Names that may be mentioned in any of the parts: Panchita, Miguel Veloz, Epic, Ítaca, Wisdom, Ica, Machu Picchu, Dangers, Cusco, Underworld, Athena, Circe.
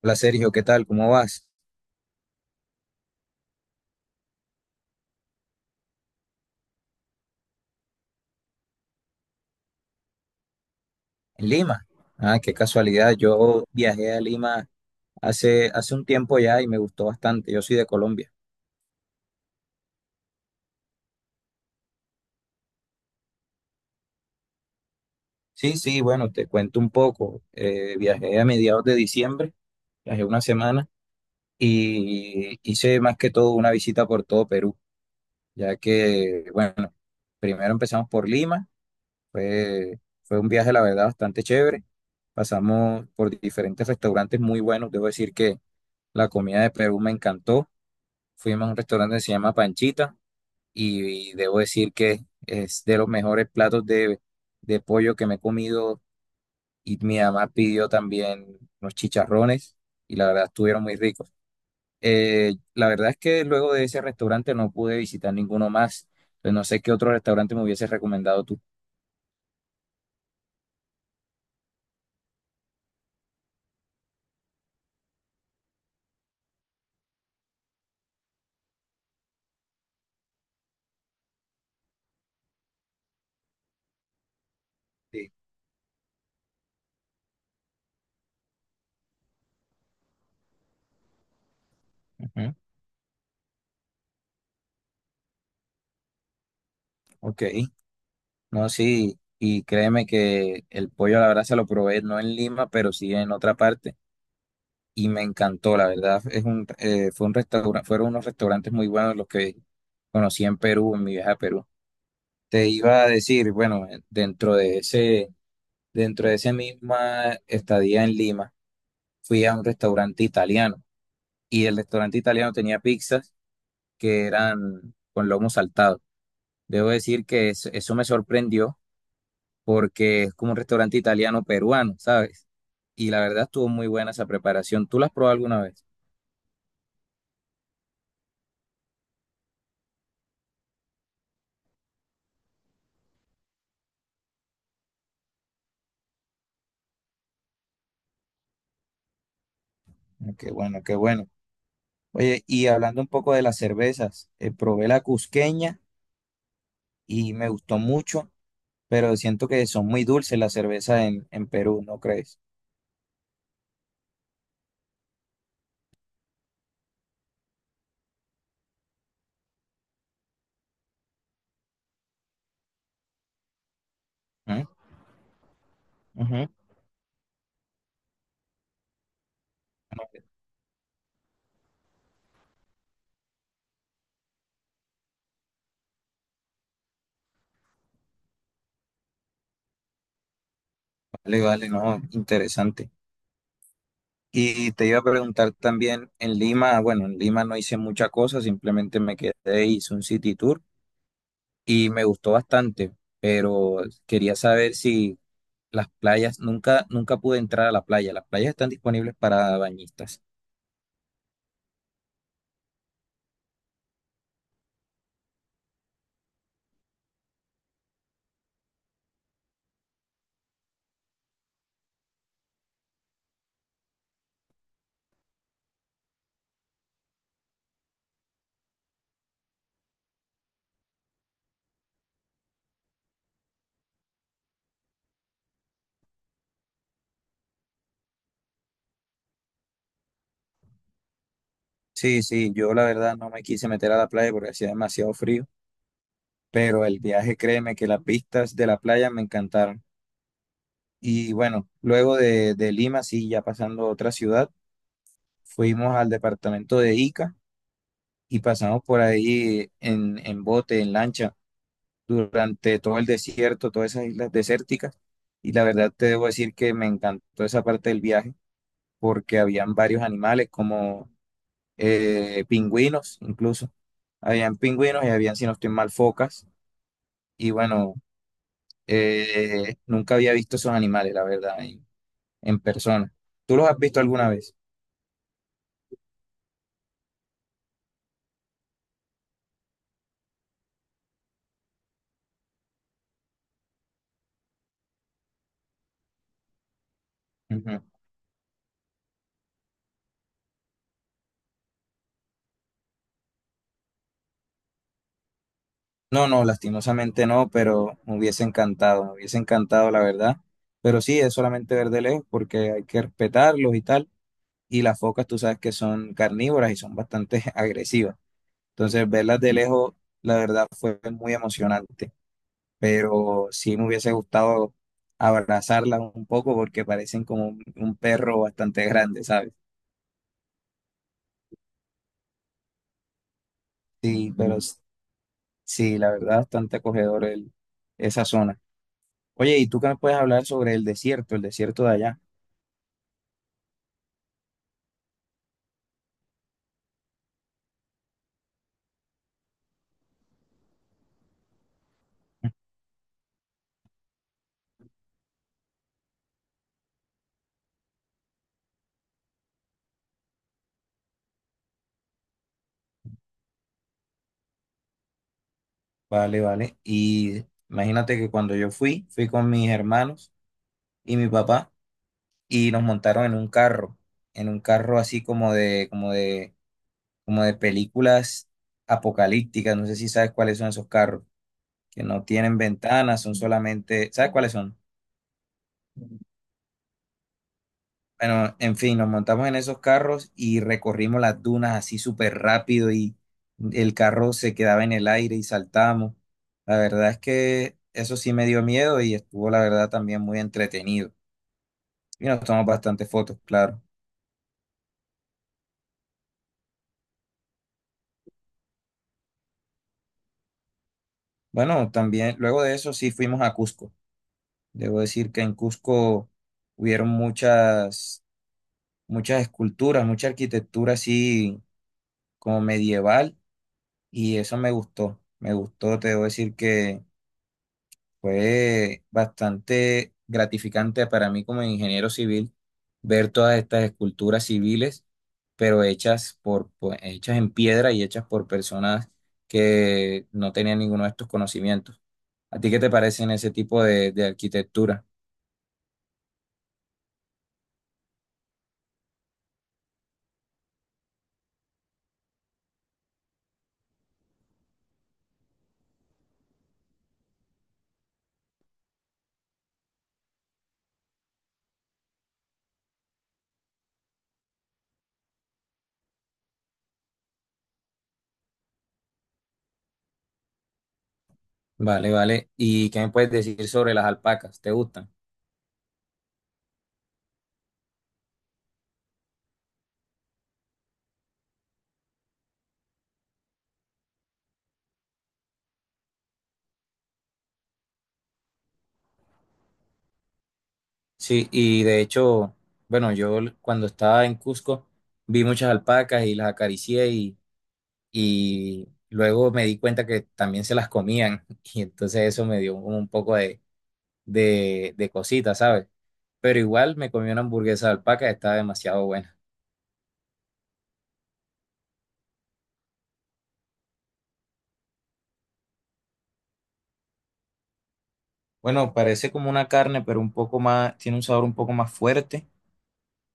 Hola Sergio, ¿qué tal? ¿Cómo vas? En Lima. Ah, qué casualidad. Yo viajé a Lima hace un tiempo ya y me gustó bastante. Yo soy de Colombia. Sí, sí, bueno, te cuento un poco. Viajé a mediados de diciembre, viajé una semana y hice más que todo una visita por todo Perú, ya que, bueno, primero empezamos por Lima. Fue un viaje, la verdad, bastante chévere. Pasamos por diferentes restaurantes muy buenos. Debo decir que la comida de Perú me encantó. Fuimos a un restaurante que se llama Panchita y debo decir que es de los mejores platos de pollo que me he comido y mi mamá pidió también unos chicharrones y la verdad estuvieron muy ricos. La verdad es que luego de ese restaurante no pude visitar ninguno más, pues no sé qué otro restaurante me hubiese recomendado tú. Sí. Ujú. Ok, no, sí, y créeme que el pollo la verdad se lo probé no en Lima, pero sí en otra parte y me encantó, la verdad. Es un, fue un restaurante, fueron unos restaurantes muy buenos los que conocí en Perú, en mi viaje a Perú. Te iba a decir, bueno, dentro de ese, dentro de esa misma estadía en Lima, fui a un restaurante italiano y el restaurante italiano tenía pizzas que eran con lomo saltado. Debo decir que eso me sorprendió porque es como un restaurante italiano peruano, ¿sabes? Y la verdad estuvo muy buena esa preparación. ¿Tú la has probado alguna vez? Ah, qué bueno, qué bueno. Oye, y hablando un poco de las cervezas, probé la cusqueña y me gustó mucho, pero siento que son muy dulces las cervezas en Perú, ¿no crees? ¿Mm? Ujú. Vale, vale, no, interesante. Y te iba a preguntar también en Lima, bueno, en Lima no hice mucha cosa, simplemente me quedé, e hice un city tour y me gustó bastante, pero quería saber si las playas, nunca pude entrar a la playa, las playas están disponibles para bañistas. Sí, sí, yo la verdad no me quise meter a la playa porque hacía demasiado frío, pero el viaje, créeme que las vistas de la playa me encantaron. Y bueno, de Lima, sí, ya pasando a otra ciudad, fuimos al departamento de Ica y pasamos por ahí en bote, en lancha, durante todo el desierto, todas esas islas desérticas. Y la verdad te debo decir que me encantó esa parte del viaje porque habían varios animales como pingüinos incluso. Habían pingüinos y habían, si no estoy mal, focas. Y bueno, nunca había visto esos animales, la verdad, en persona. ¿Tú los has visto alguna vez? Ujú. No, no, lastimosamente no, pero me hubiese encantado, la verdad. Pero sí, es solamente ver de lejos porque hay que respetarlos y tal. Y las focas, tú sabes que son carnívoras y son bastante agresivas. Entonces, verlas de lejos, la verdad, fue muy emocionante, pero sí me hubiese gustado abrazarla un poco porque parecen como un perro bastante grande, ¿sabes? Sí, pero mm, sí, la verdad, bastante acogedor el, esa zona. Oye, ¿y tú qué me puedes hablar sobre el desierto de allá? Vale, vale. Y imagínate que cuando yo fui con mis hermanos y mi papá y nos montaron en un carro así como de, como de, como de películas apocalípticas, no sé si sabes cuáles son esos carros, que no tienen ventanas, son solamente, ¿sabes cuáles son? Bueno, en fin, nos montamos en esos carros y recorrimos las dunas así súper rápido y el carro se quedaba en el aire y saltamos. La verdad es que eso sí me dio miedo y estuvo, la verdad, también muy entretenido. Y nos tomamos bastantes fotos, claro. Bueno, también luego de eso sí fuimos a Cusco. Debo decir que en Cusco hubieron muchas, muchas esculturas, mucha arquitectura así como medieval. Y eso me gustó, te debo decir que fue bastante gratificante para mí como ingeniero civil, ver todas estas esculturas civiles, pero hechas por, pues, hechas en piedra y hechas por personas que no tenían ninguno de estos conocimientos. ¿A ti qué te parecen ese tipo de arquitectura? Vale, vale. ¿Y qué me puedes decir sobre las alpacas? ¿Te gustan? Sí, y de hecho, bueno, cuando estaba en Cusco vi muchas alpacas y las acaricié y luego me di cuenta que también se las comían y entonces eso me dio como un poco de cosita, ¿sabes? Pero igual me comí una hamburguesa de alpaca, estaba demasiado buena. Bueno, parece como una carne, pero un poco más, tiene un sabor un poco más fuerte,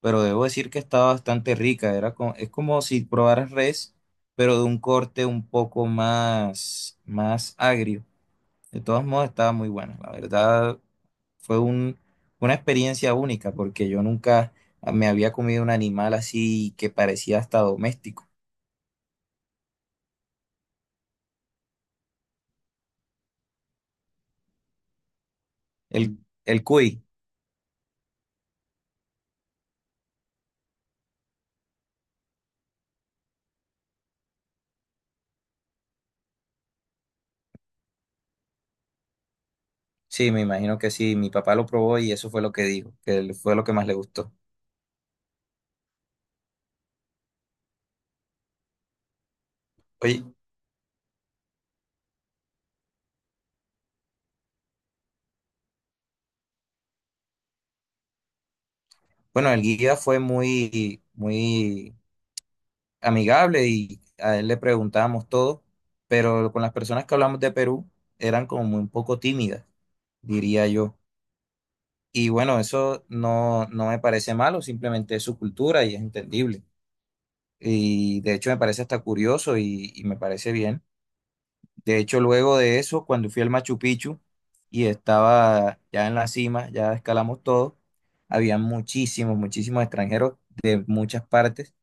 pero debo decir que estaba bastante rica, era es como si probaras res, pero de un corte un poco más, más agrio. De todos modos, estaba muy buena, la verdad. Fue un- una experiencia única porque yo nunca me había comido un animal así que parecía hasta doméstico. El, el cuy, sí, me imagino que sí. Mi papá lo probó y eso fue lo que dijo, que fue lo que más le gustó. Oye, bueno, el guía fue muy, muy amigable y a él le preguntábamos todo, pero con las personas que hablamos de Perú eran como muy un poco tímidas, diría yo. Y bueno, eso no, no me parece malo, simplemente es su cultura y es entendible. Y de hecho me parece hasta curioso y me parece bien. De hecho, luego de eso, cuando fui al Machu Picchu y estaba ya en la cima, ya escalamos todo, había muchísimos, muchísimos extranjeros de muchas partes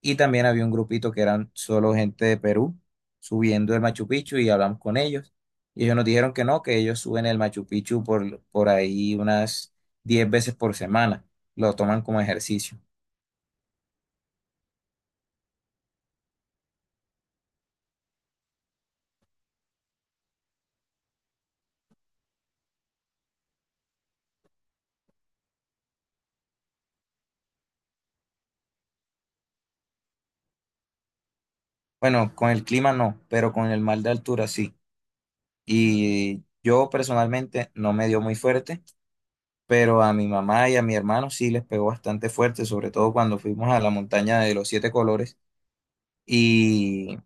y también había un grupito que eran solo gente de Perú subiendo el Machu Picchu y hablamos con ellos. Y ellos nos dijeron que no, que ellos suben el Machu Picchu por ahí unas 10 veces por semana. Lo toman como ejercicio. Bueno, con el clima no, pero con el mal de altura sí. Y yo personalmente no me dio muy fuerte, pero a mi mamá y a mi hermano sí les pegó bastante fuerte, sobre todo cuando fuimos a la montaña de los siete colores y,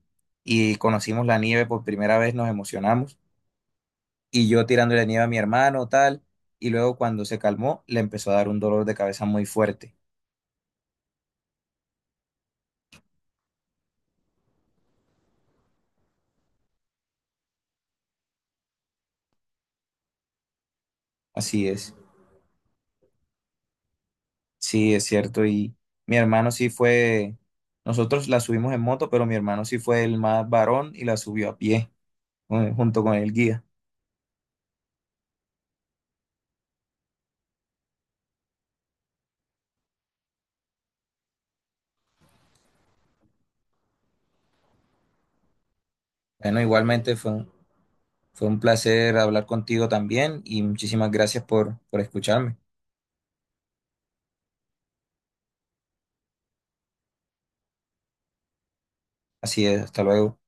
y conocimos la nieve por primera vez, nos emocionamos. Y yo tirándole nieve a mi hermano, tal, y luego cuando se calmó, le empezó a dar un dolor de cabeza muy fuerte. Así es, sí, es cierto. Y mi hermano sí fue, nosotros la subimos en moto, pero mi hermano sí fue el más varón y la subió a pie, junto con el guía. Bueno, igualmente fue un placer hablar contigo también y muchísimas gracias por escucharme. Así es, hasta luego.